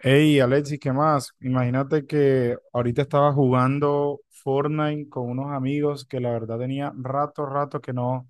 Hey, Alexis, ¿qué más? Imagínate que ahorita estaba jugando Fortnite con unos amigos que la verdad tenía rato que no,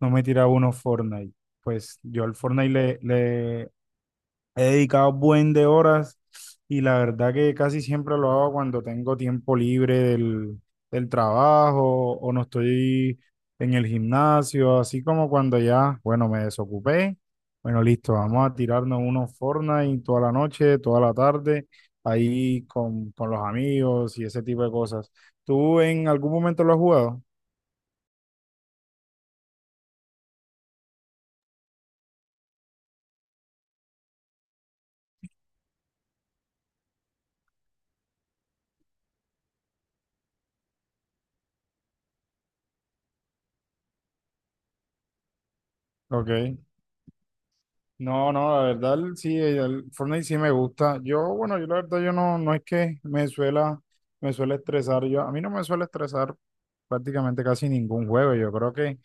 no me tiraba uno Fortnite. Pues yo al Fortnite he dedicado buen de horas, y la verdad que casi siempre lo hago cuando tengo tiempo libre del trabajo o no estoy en el gimnasio, así como cuando ya, bueno, me desocupé. Bueno, listo, vamos a tirarnos unos Fortnite toda la noche, toda la tarde, ahí con los amigos y ese tipo de cosas. ¿Tú en algún momento lo has jugado? Ok. No, no, la verdad sí, el Fortnite sí me gusta. Yo, bueno, yo la verdad yo no es que me me suele estresar. Yo, a mí no me suele estresar prácticamente casi ningún juego. Yo creo que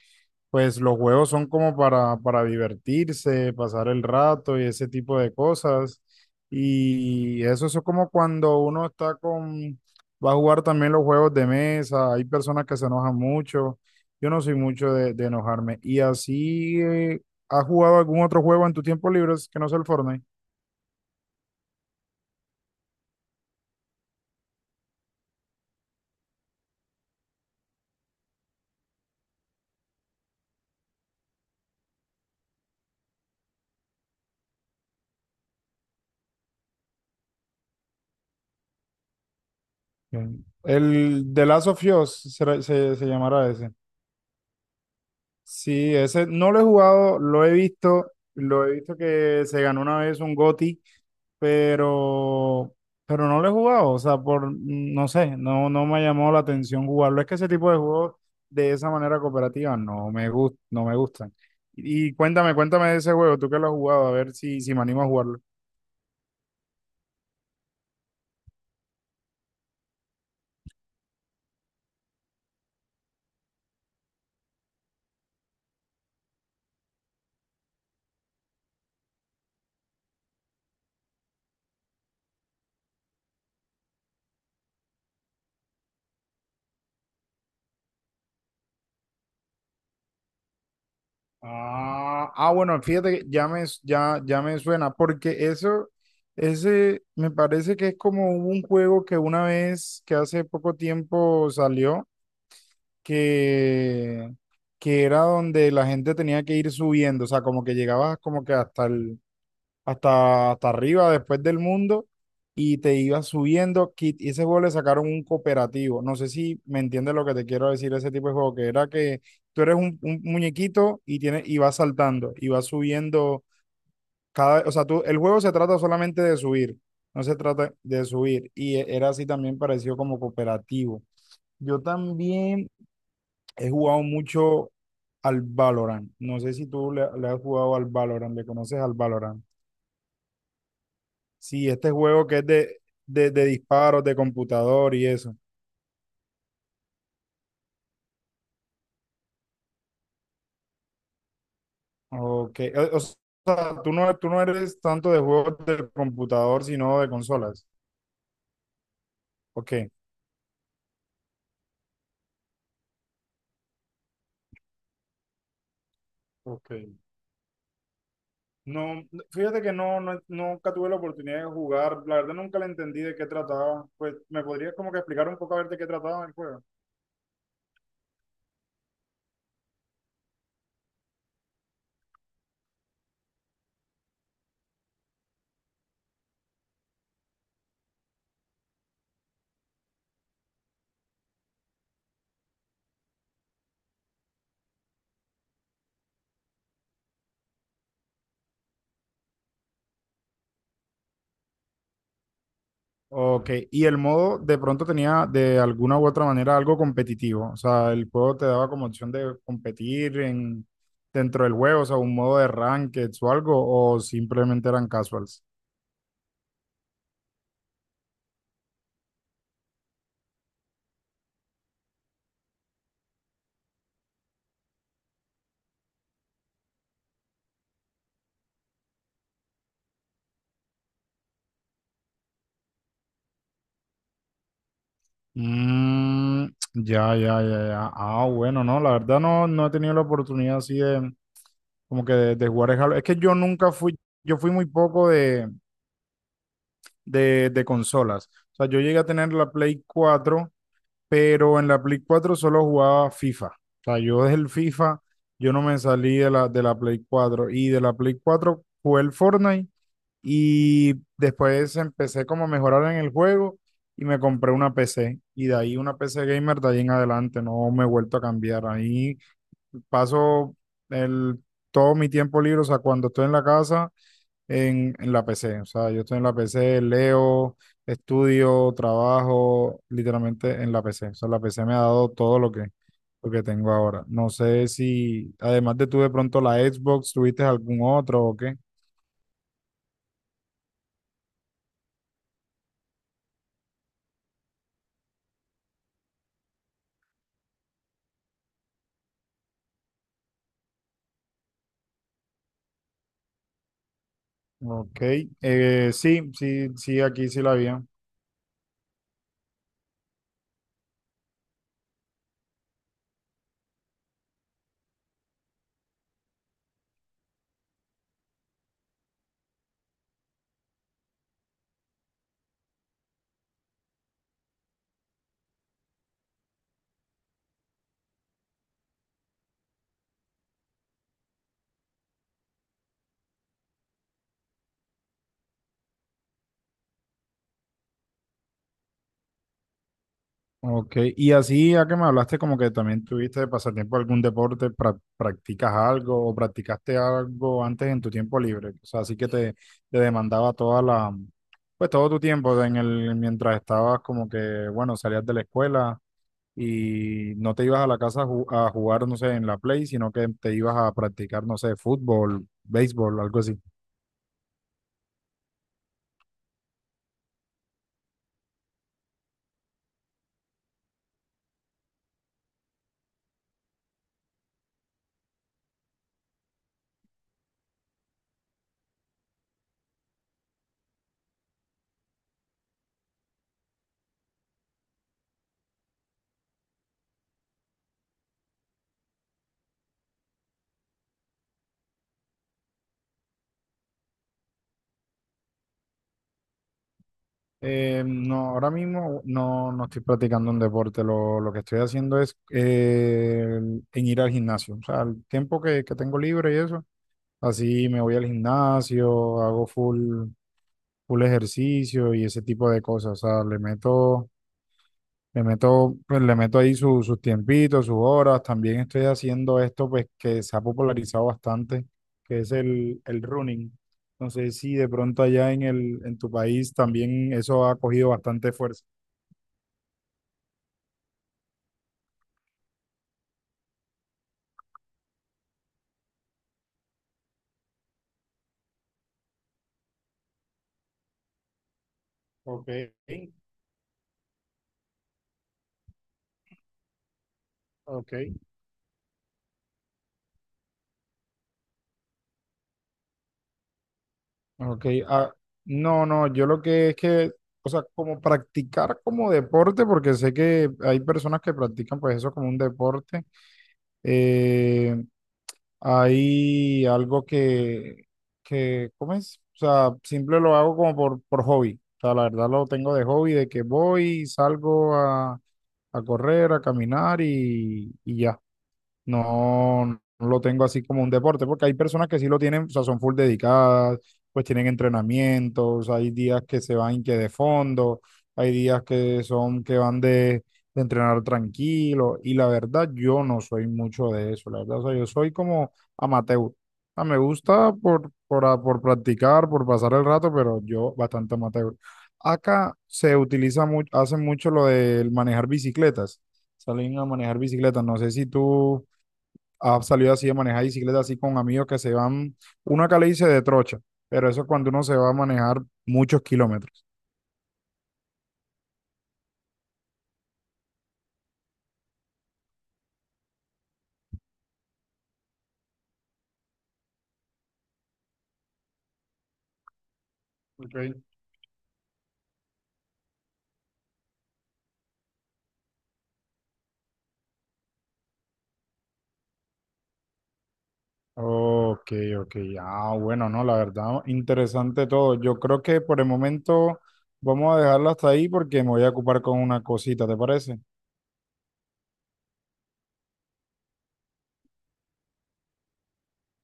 pues los juegos son como para divertirse, pasar el rato y ese tipo de cosas. Y eso es como cuando uno está con, va a jugar también los juegos de mesa. Hay personas que se enojan mucho, yo no soy mucho de enojarme. Y así, ¿has jugado algún otro juego en tu tiempo libre que no sea el Fortnite? Bien. El The Last of Us se, se llamará ese. Sí, ese no lo he jugado, lo he visto que se ganó una vez un GOTY, pero, pero no lo he jugado, o sea, por, no sé, no, no me ha llamado la atención jugarlo. Es que ese tipo de juegos de esa manera cooperativa no me no me gustan. Y cuéntame, cuéntame de ese juego, tú que lo has jugado, a ver si, si me animo a jugarlo. Ah, ah, bueno, fíjate que ya me, ya, ya me suena, porque eso, ese me parece que es como un juego que una vez, que hace poco tiempo salió, que, que era donde la gente tenía que ir subiendo, o sea, como que llegabas como que hasta el, hasta, hasta arriba, después del mundo, y te ibas subiendo. Y ese juego le sacaron un cooperativo. No sé si me entiendes lo que te quiero decir, ese tipo de juego, que era que tú eres un muñequito y, tienes, y vas saltando, y vas subiendo cada... O sea, tú, el juego se trata solamente de subir, no se trata de subir. Y era así también parecido como cooperativo. Yo también he jugado mucho al Valorant. No sé si tú le has jugado al Valorant, le conoces al Valorant. Sí, este juego que es de disparos, de computador y eso. Ok. O sea, tú no eres tanto de juegos de computador, sino de consolas. Ok. Ok. No, fíjate que no, no, nunca tuve la oportunidad de jugar. La verdad nunca le entendí de qué trataba. Pues, ¿me podrías como que explicar un poco a ver de qué trataba el juego? Ok, y el modo de pronto tenía de alguna u otra manera algo competitivo, o sea, el juego te daba como opción de competir en, dentro del juego, o sea, un modo de rankeds o algo, o simplemente eran casuals. Mm, ya, ya, ya, ya. Ah, bueno, no, la verdad no, no he tenido la oportunidad así de, como que de jugar el Halo. Es que yo nunca fui, yo fui muy poco de consolas, o sea, yo llegué a tener la Play cuatro, pero en la Play cuatro solo jugaba FIFA. O sea, yo desde el FIFA, yo no me salí de la Play cuatro, y de la Play cuatro jugué el Fortnite y después empecé como a mejorar en el juego y me compré una PC, y de ahí una PC gamer, de ahí en adelante, no me he vuelto a cambiar. Ahí paso el, todo mi tiempo libre, o sea, cuando estoy en la casa en la PC. O sea, yo estoy en la PC, leo, estudio, trabajo, literalmente en la PC. O sea, la PC me ha dado todo lo lo que tengo ahora. No sé si, además de tú de pronto la Xbox, tuviste algún otro o qué. Ok, sí, sí, sí, aquí sí la vi. Ok, y así ya que me hablaste como que también tuviste de pasatiempo algún deporte, practicas algo o practicaste algo antes en tu tiempo libre, o sea, así que te demandaba toda la, pues todo tu tiempo en el, mientras estabas como que, bueno, salías de la escuela y no te ibas a la casa a, a jugar, no sé, en la play, sino que te ibas a practicar, no sé, fútbol, béisbol, algo así. No, ahora mismo no, no estoy practicando un deporte. Lo que estoy haciendo es en ir al gimnasio. O sea, el tiempo que tengo libre y eso, así me voy al gimnasio, hago full ejercicio y ese tipo de cosas. O sea, le meto, pues, le meto ahí sus tiempitos, sus horas. También estoy haciendo esto, pues, que se ha popularizado bastante, que es el running. No sé si de pronto allá en el, en tu país también eso ha cogido bastante fuerza. Ok, ok. Ok, ah, no, no, yo lo que es que, o sea, como practicar como deporte, porque sé que hay personas que practican pues eso como un deporte, eh, hay algo ¿cómo es? O sea, simple lo hago como por hobby, o sea, la verdad lo tengo de hobby, de que voy, salgo a correr, a caminar y ya. No, no lo tengo así como un deporte, porque hay personas que sí lo tienen, o sea, son full dedicadas, pues tienen entrenamientos, hay días que se van que de fondo, hay días que son que van de entrenar tranquilo, y la verdad yo no soy mucho de eso, la verdad, o sea, yo soy como amateur. Ah, me gusta por practicar, por pasar el rato, pero yo bastante amateur. Acá se utiliza mucho, hacen mucho lo del manejar bicicletas, salen a manejar bicicletas, no sé si tú ha salido así de manejar bicicleta así con amigos que se van, uno acá le dice de trocha, pero eso es cuando uno se va a manejar muchos kilómetros. Okay. Ok, ok. Ah, bueno, no, la verdad, interesante todo. Yo creo que por el momento vamos a dejarlo hasta ahí porque me voy a ocupar con una cosita, ¿te parece?